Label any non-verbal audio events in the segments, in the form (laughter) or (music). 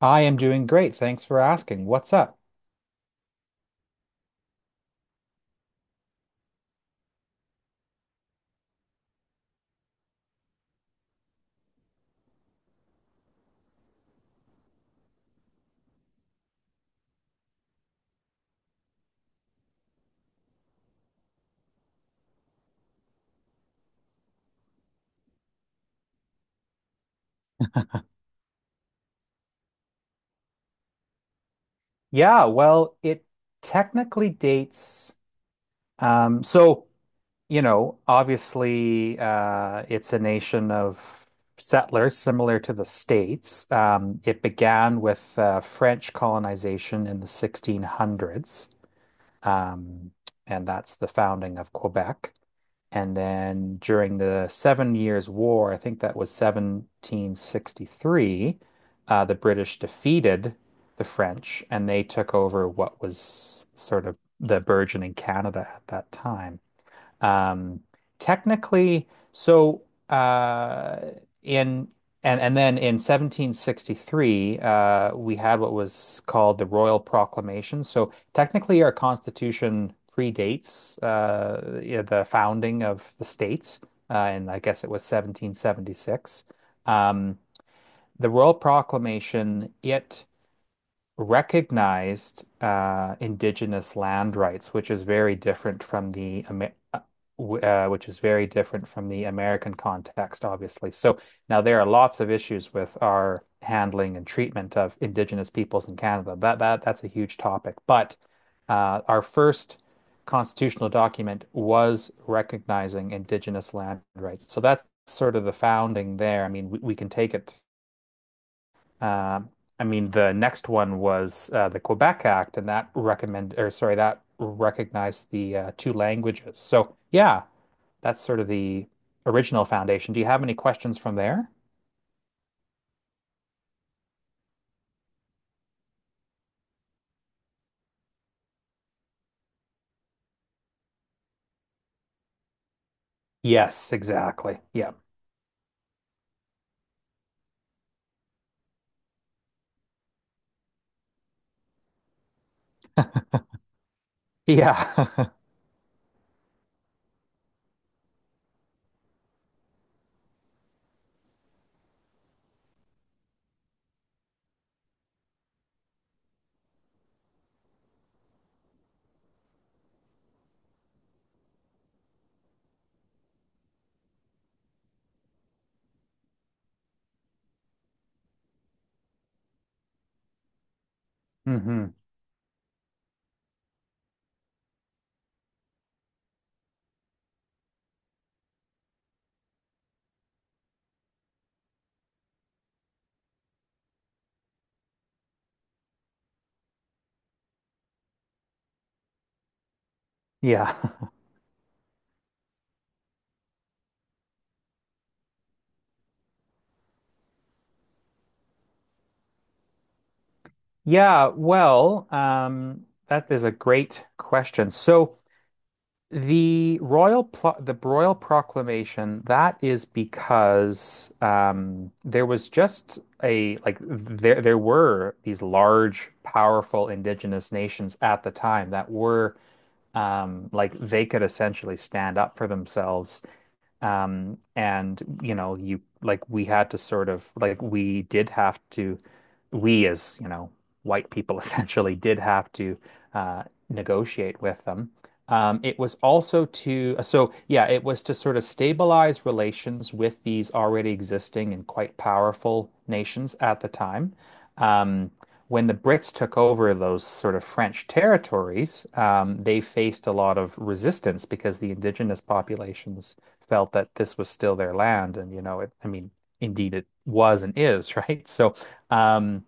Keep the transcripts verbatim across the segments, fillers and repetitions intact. I am doing great. Thanks for asking. What's up? Yeah, well, it technically dates. Um, so, you know, obviously, uh, it's a nation of settlers similar to the States. Um, it began with uh, French colonization in the sixteen hundreds, um, and that's the founding of Quebec. And then during the Seven Years' War, I think that was seventeen sixty-three, uh, the British defeated the French and they took over what was sort of the burgeoning Canada at that time. Um, technically, so uh, in and and then in seventeen sixty-three, uh, we had what was called the Royal Proclamation. So technically, our Constitution predates uh, yeah, the founding of the states, uh, and I guess it was seventeen seventy-six. Um, the Royal Proclamation, it recognized uh, indigenous land rights, which is very different from the Amer uh, w- uh, which is very different from the American context, obviously. So now there are lots of issues with our handling and treatment of indigenous peoples in Canada. That that that's a huge topic. But uh, our first constitutional document was recognizing indigenous land rights. So that's sort of the founding there. I mean, we, we can take it uh, I mean, the next one was uh, the Quebec Act, and that recommend or sorry, that recognized the uh, two languages. So yeah, that's sort of the original foundation. Do you have any questions from there? Yes, exactly. Yeah. Yeah. (laughs) hmm Yeah. (laughs) Yeah. Well, um, that is a great question. So. The royal pl the royal proclamation, that is because um, there was just a like there there were these large, powerful indigenous nations at the time that were um, like they could essentially stand up for themselves. Um, and you know, you like we had to sort of like we did have to we as, you know, white people (laughs) essentially did have to uh, negotiate with them. Um, it was also to, uh, so yeah, it was to sort of stabilize relations with these already existing and quite powerful nations at the time. Um, when the Brits took over those sort of French territories, um, they faced a lot of resistance because the indigenous populations felt that this was still their land. And, you know, it, I mean, indeed it was and is, (laughs) right? So, um,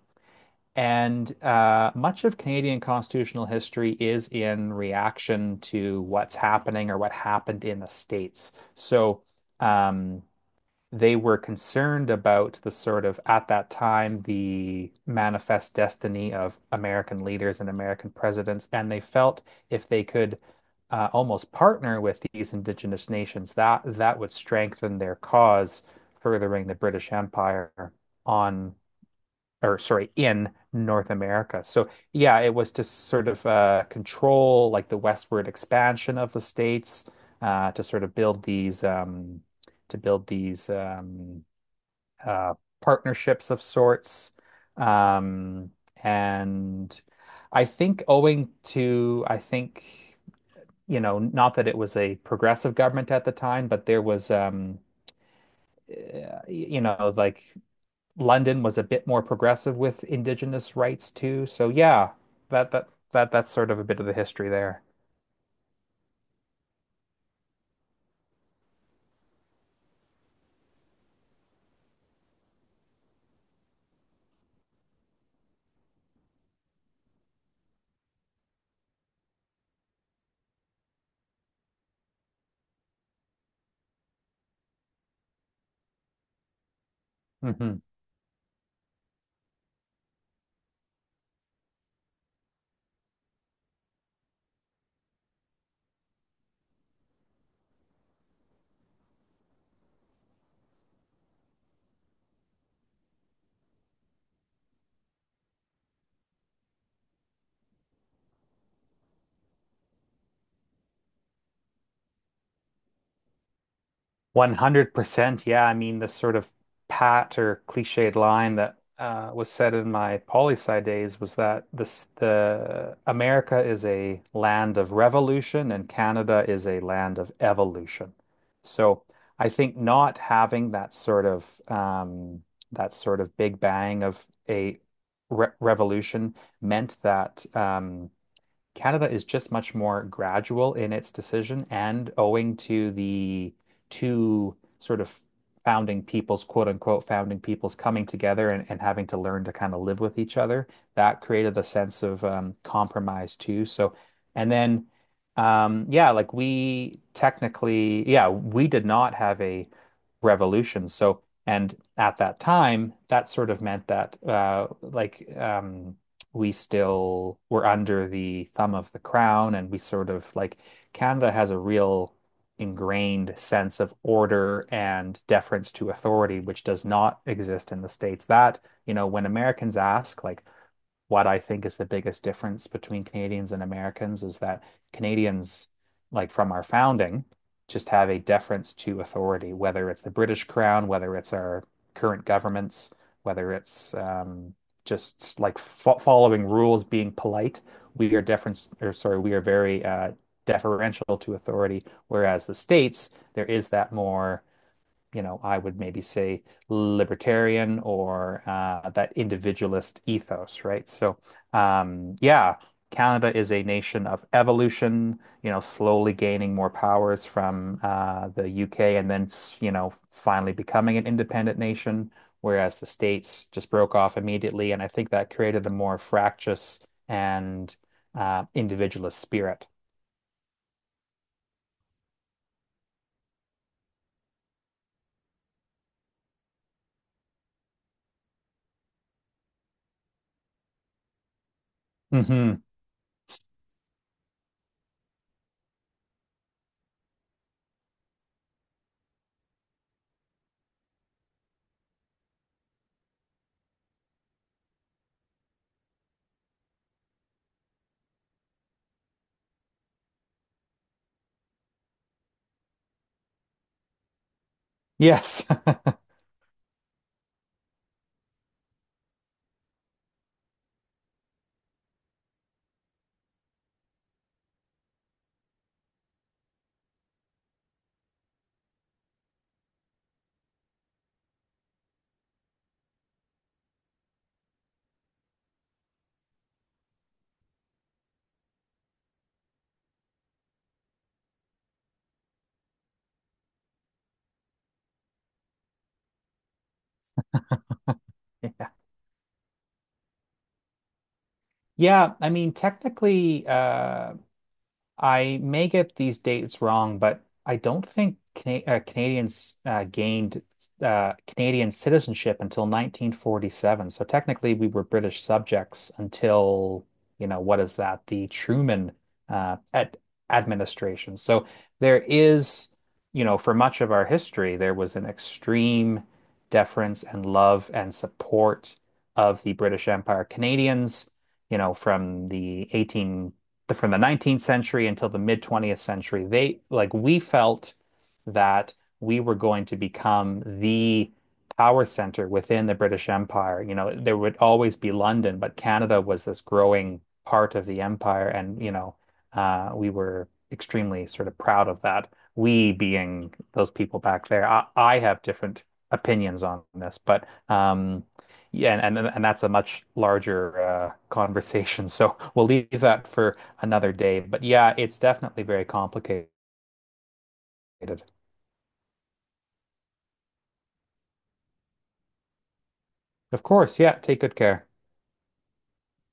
and uh, much of Canadian constitutional history is in reaction to what's happening or what happened in the States. So um, they were concerned about the sort of, at that time, the manifest destiny of American leaders and American presidents. And they felt if they could uh, almost partner with these indigenous nations, that that would strengthen their cause, furthering the British Empire on or sorry, in North America. So yeah, it was to sort of uh, control like the westward expansion of the states uh, to sort of build these um, to build these um, uh, partnerships of sorts. Um, and I think owing to I think you know, not that it was a progressive government at the time, but there was um, uh, you know, like London was a bit more progressive with indigenous rights too. So yeah, that that that that's sort of a bit of the history there. Hmm one hundred percent. Yeah, I mean, the sort of pat or cliched line that uh, was said in my poli sci days was that this the America is a land of revolution and Canada is a land of evolution. So I think not having that sort of um, that sort of big bang of a re revolution meant that um, Canada is just much more gradual in its decision, and owing to the two sort of founding peoples, quote unquote, founding peoples coming together and, and having to learn to kind of live with each other, that created a sense of um, compromise too. So, and then, um, yeah, like we technically, yeah, we did not have a revolution. So, and at that time, that sort of meant that, uh, like, um, we still were under the thumb of the crown and we sort of like Canada has a real ingrained sense of order and deference to authority which does not exist in the States. That You know, when Americans ask like what I think is the biggest difference between Canadians and Americans is that Canadians, like from our founding, just have a deference to authority, whether it's the British Crown, whether it's our current governments, whether it's um, just like fo following rules, being polite. We are deference, or sorry, we are very uh, deferential to authority. Whereas the States, there is that more you know, I would maybe say libertarian or uh, that individualist ethos, right? So, um, yeah, Canada is a nation of evolution, you know, slowly gaining more powers from uh, the U K and then, you know, finally becoming an independent nation, whereas the States just broke off immediately. And I think that created a more fractious and uh, individualist spirit. Hmm Yes. (laughs) Yeah. Yeah, I mean, technically, uh, I may get these dates wrong, but I don't think Cana uh, Canadians uh, gained uh, Canadian citizenship until nineteen forty-seven. So technically, we were British subjects until, you know, what is that? The Truman uh, ad administration. So there is, you know, for much of our history, there was an extreme deference and love and support of the British Empire. Canadians you know, from the eighteen the, from the nineteenth century until the mid twentieth century, they like we felt that we were going to become the power center within the British Empire. You know, there would always be London, but Canada was this growing part of the empire, and you know, uh, we were extremely sort of proud of that. We being those people back there. I, I have different opinions on this, but um, yeah, and and, and that's a much larger uh, conversation. (laughs) So we'll leave that for another day. But yeah, it's definitely very complicated. Of course, yeah, take good care.